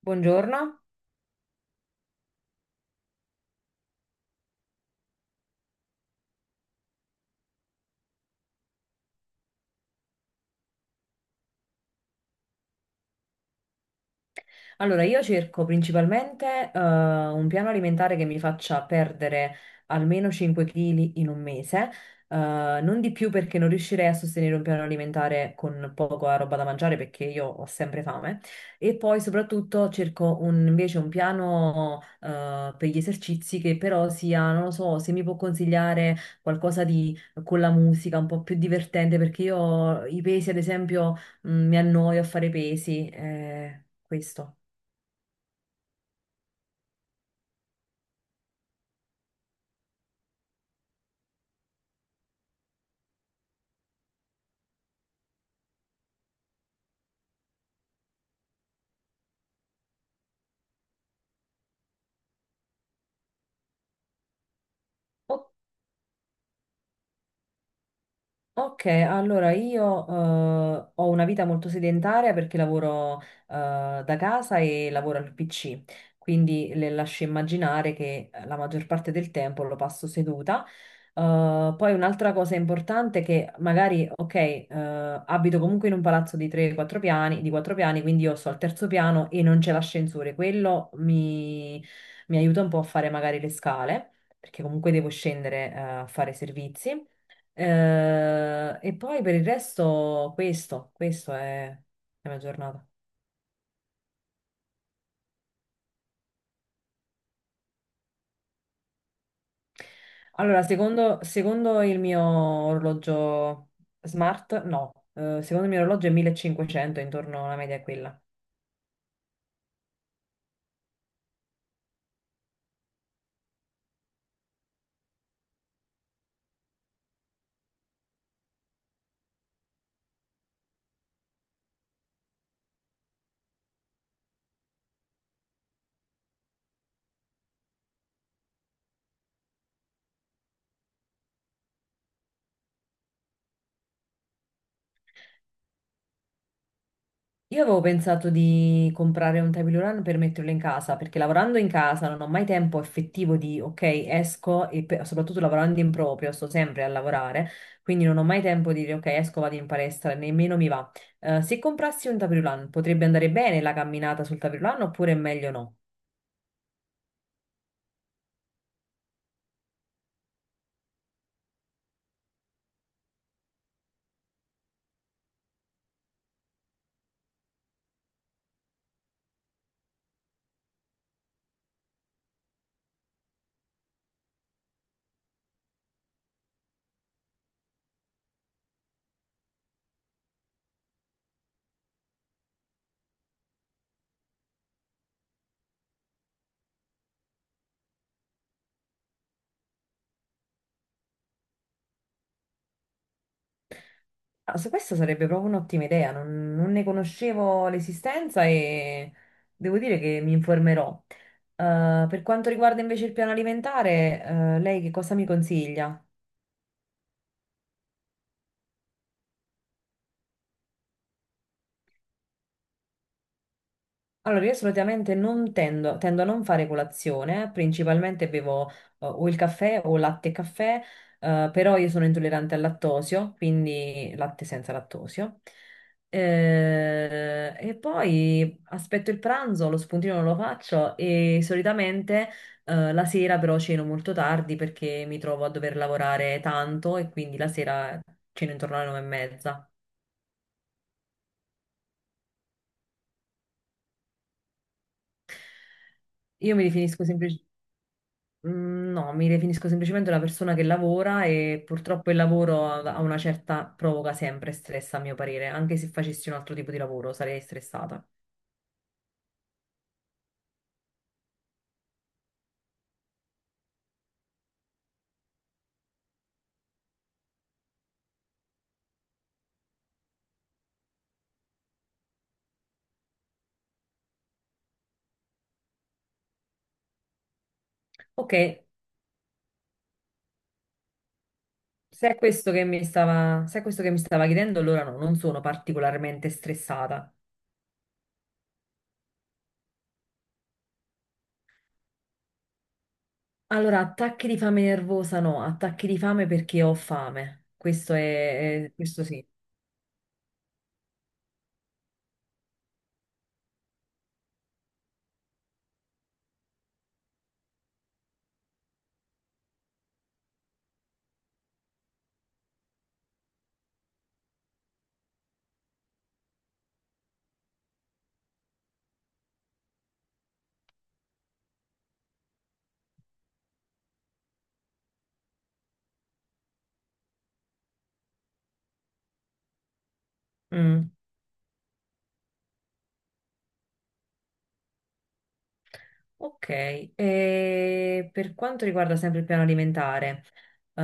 Buongiorno. Allora, io cerco principalmente un piano alimentare che mi faccia perdere almeno 5 kg in un mese, eh, non di più perché non riuscirei a sostenere un piano alimentare con poca roba da mangiare perché io ho sempre fame. E poi soprattutto cerco invece un piano per gli esercizi che però sia, non lo so, se mi può consigliare qualcosa di con la musica un po' più divertente perché io i pesi, ad esempio, mi annoio a fare pesi. Questo. O- Ok, allora io ho una vita molto sedentaria perché lavoro da casa e lavoro al PC, quindi le lascio immaginare che la maggior parte del tempo lo passo seduta. Poi un'altra cosa importante è che magari, ok, abito comunque in un palazzo di 3-4 piani, di 4 piani, quindi io sto al terzo piano e non c'è l'ascensore. Quello mi aiuta un po' a fare magari le scale, perché comunque devo scendere a fare servizi. E poi per il resto, questo è la mia giornata. Allora, secondo il mio orologio smart, no, secondo il mio orologio è 1500, intorno alla media è quella. Io avevo pensato di comprare un table run per metterlo in casa, perché lavorando in casa non ho mai tempo effettivo di, ok, esco e soprattutto lavorando in proprio, sto sempre a lavorare, quindi non ho mai tempo di dire, ok, esco, vado in palestra, nemmeno mi va. Se comprassi un table run, potrebbe andare bene la camminata sul table run oppure è meglio no? Ah, su questo sarebbe proprio un'ottima idea, non ne conoscevo l'esistenza e devo dire che mi informerò. Per quanto riguarda invece il piano alimentare, lei che cosa mi consiglia? Allora, io solitamente non tendo, tendo a non fare colazione, principalmente bevo o il caffè o latte e caffè, però io sono intollerante al lattosio, quindi latte senza lattosio. E poi aspetto il pranzo, lo spuntino non lo faccio e solitamente la sera però ceno molto tardi perché mi trovo a dover lavorare tanto e quindi la sera ceno intorno alle 21:30. Io mi definisco semplicemente... Mm, No, mi definisco semplicemente una persona che lavora e purtroppo il lavoro ha una certa provoca sempre stress, a mio parere. Anche se facessi un altro tipo di lavoro sarei stressata. Ok, se è questo che mi stava, se è questo che mi stava chiedendo, allora no, non sono particolarmente stressata. Allora, attacchi di fame nervosa no, attacchi di fame perché ho fame. Questo Questo sì. Mm. Ok, e per quanto riguarda sempre il piano alimentare, eh,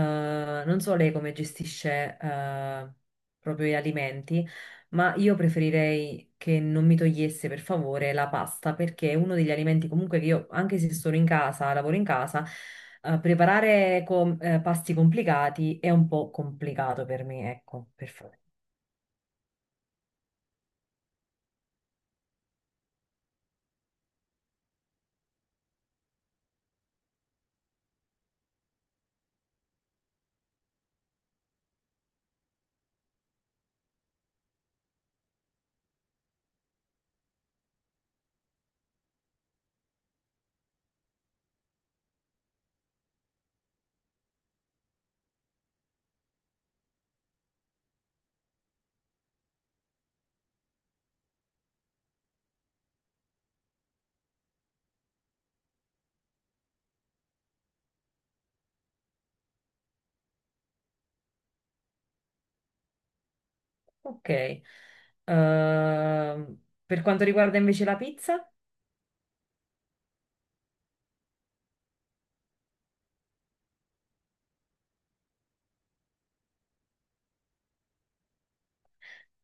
non so lei come gestisce, proprio gli alimenti, ma io preferirei che non mi togliesse per favore la pasta, perché è uno degli alimenti comunque che io, anche se sono in casa, lavoro in casa, preparare pasti complicati è un po' complicato per me, ecco, per favore. Ok. Per quanto riguarda invece la pizza?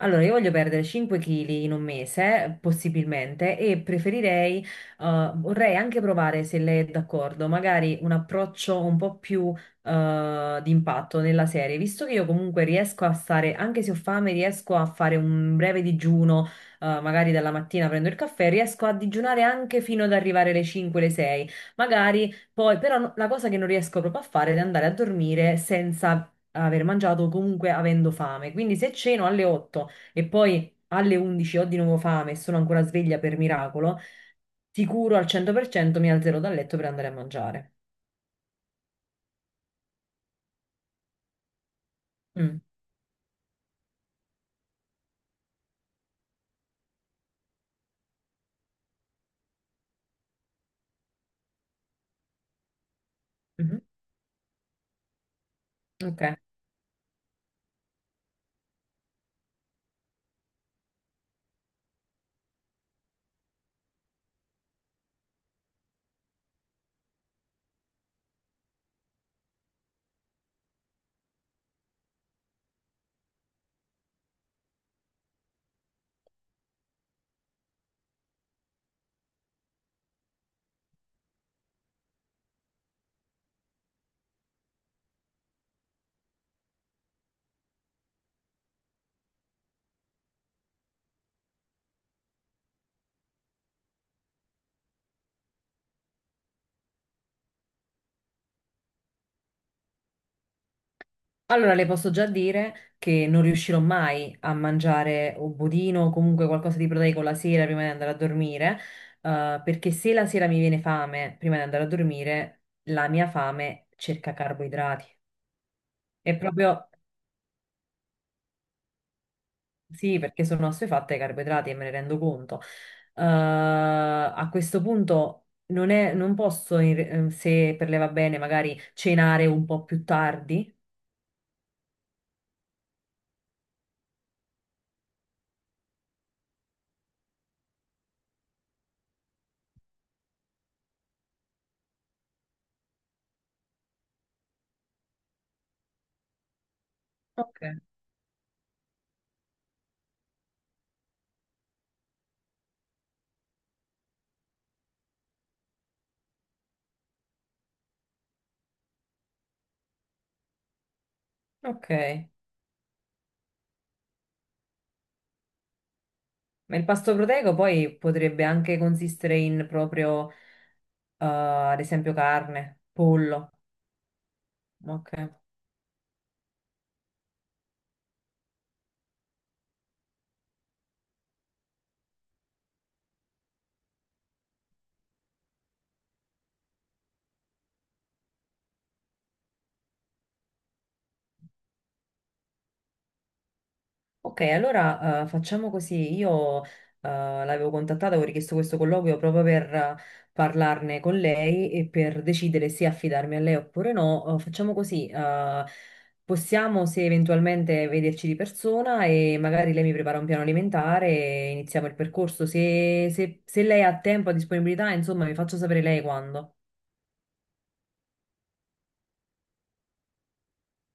Allora, io voglio perdere 5 kg in un mese, possibilmente, e preferirei, vorrei anche provare, se lei è d'accordo, magari un approccio un po' più, di impatto nella serie, visto che io comunque riesco a stare, anche se ho fame, riesco a fare un breve digiuno, magari dalla mattina prendo il caffè, riesco a digiunare anche fino ad arrivare alle 5, alle 6, magari poi, però la cosa che non riesco proprio a fare è andare a dormire senza aver mangiato o comunque avendo fame, quindi se ceno alle 8 e poi alle 11 ho di nuovo fame e sono ancora sveglia per miracolo, sicuro al 100% mi alzerò dal letto per andare a mangiare. Mm. Mhm. Ok. Allora le posso già dire che non riuscirò mai a mangiare un budino o comunque qualcosa di proteico la sera prima di andare a dormire, perché se la sera mi viene fame prima di andare a dormire, la mia fame cerca carboidrati. È proprio Sì, perché sono assuefatte ai carboidrati e me ne rendo conto. A questo punto non posso, se per lei va bene, magari cenare un po' più tardi. Ok. Ok, ma il pasto proteico poi potrebbe anche consistere in proprio, ad esempio, carne, pollo. Ok. Ok, allora facciamo così. Io l'avevo contattata, avevo richiesto questo colloquio proprio per parlarne con lei e per decidere se affidarmi a lei oppure no. Facciamo così, possiamo se eventualmente vederci di persona e magari lei mi prepara un piano alimentare e iniziamo il percorso. Se lei ha tempo, ha disponibilità, insomma, mi faccio sapere lei quando.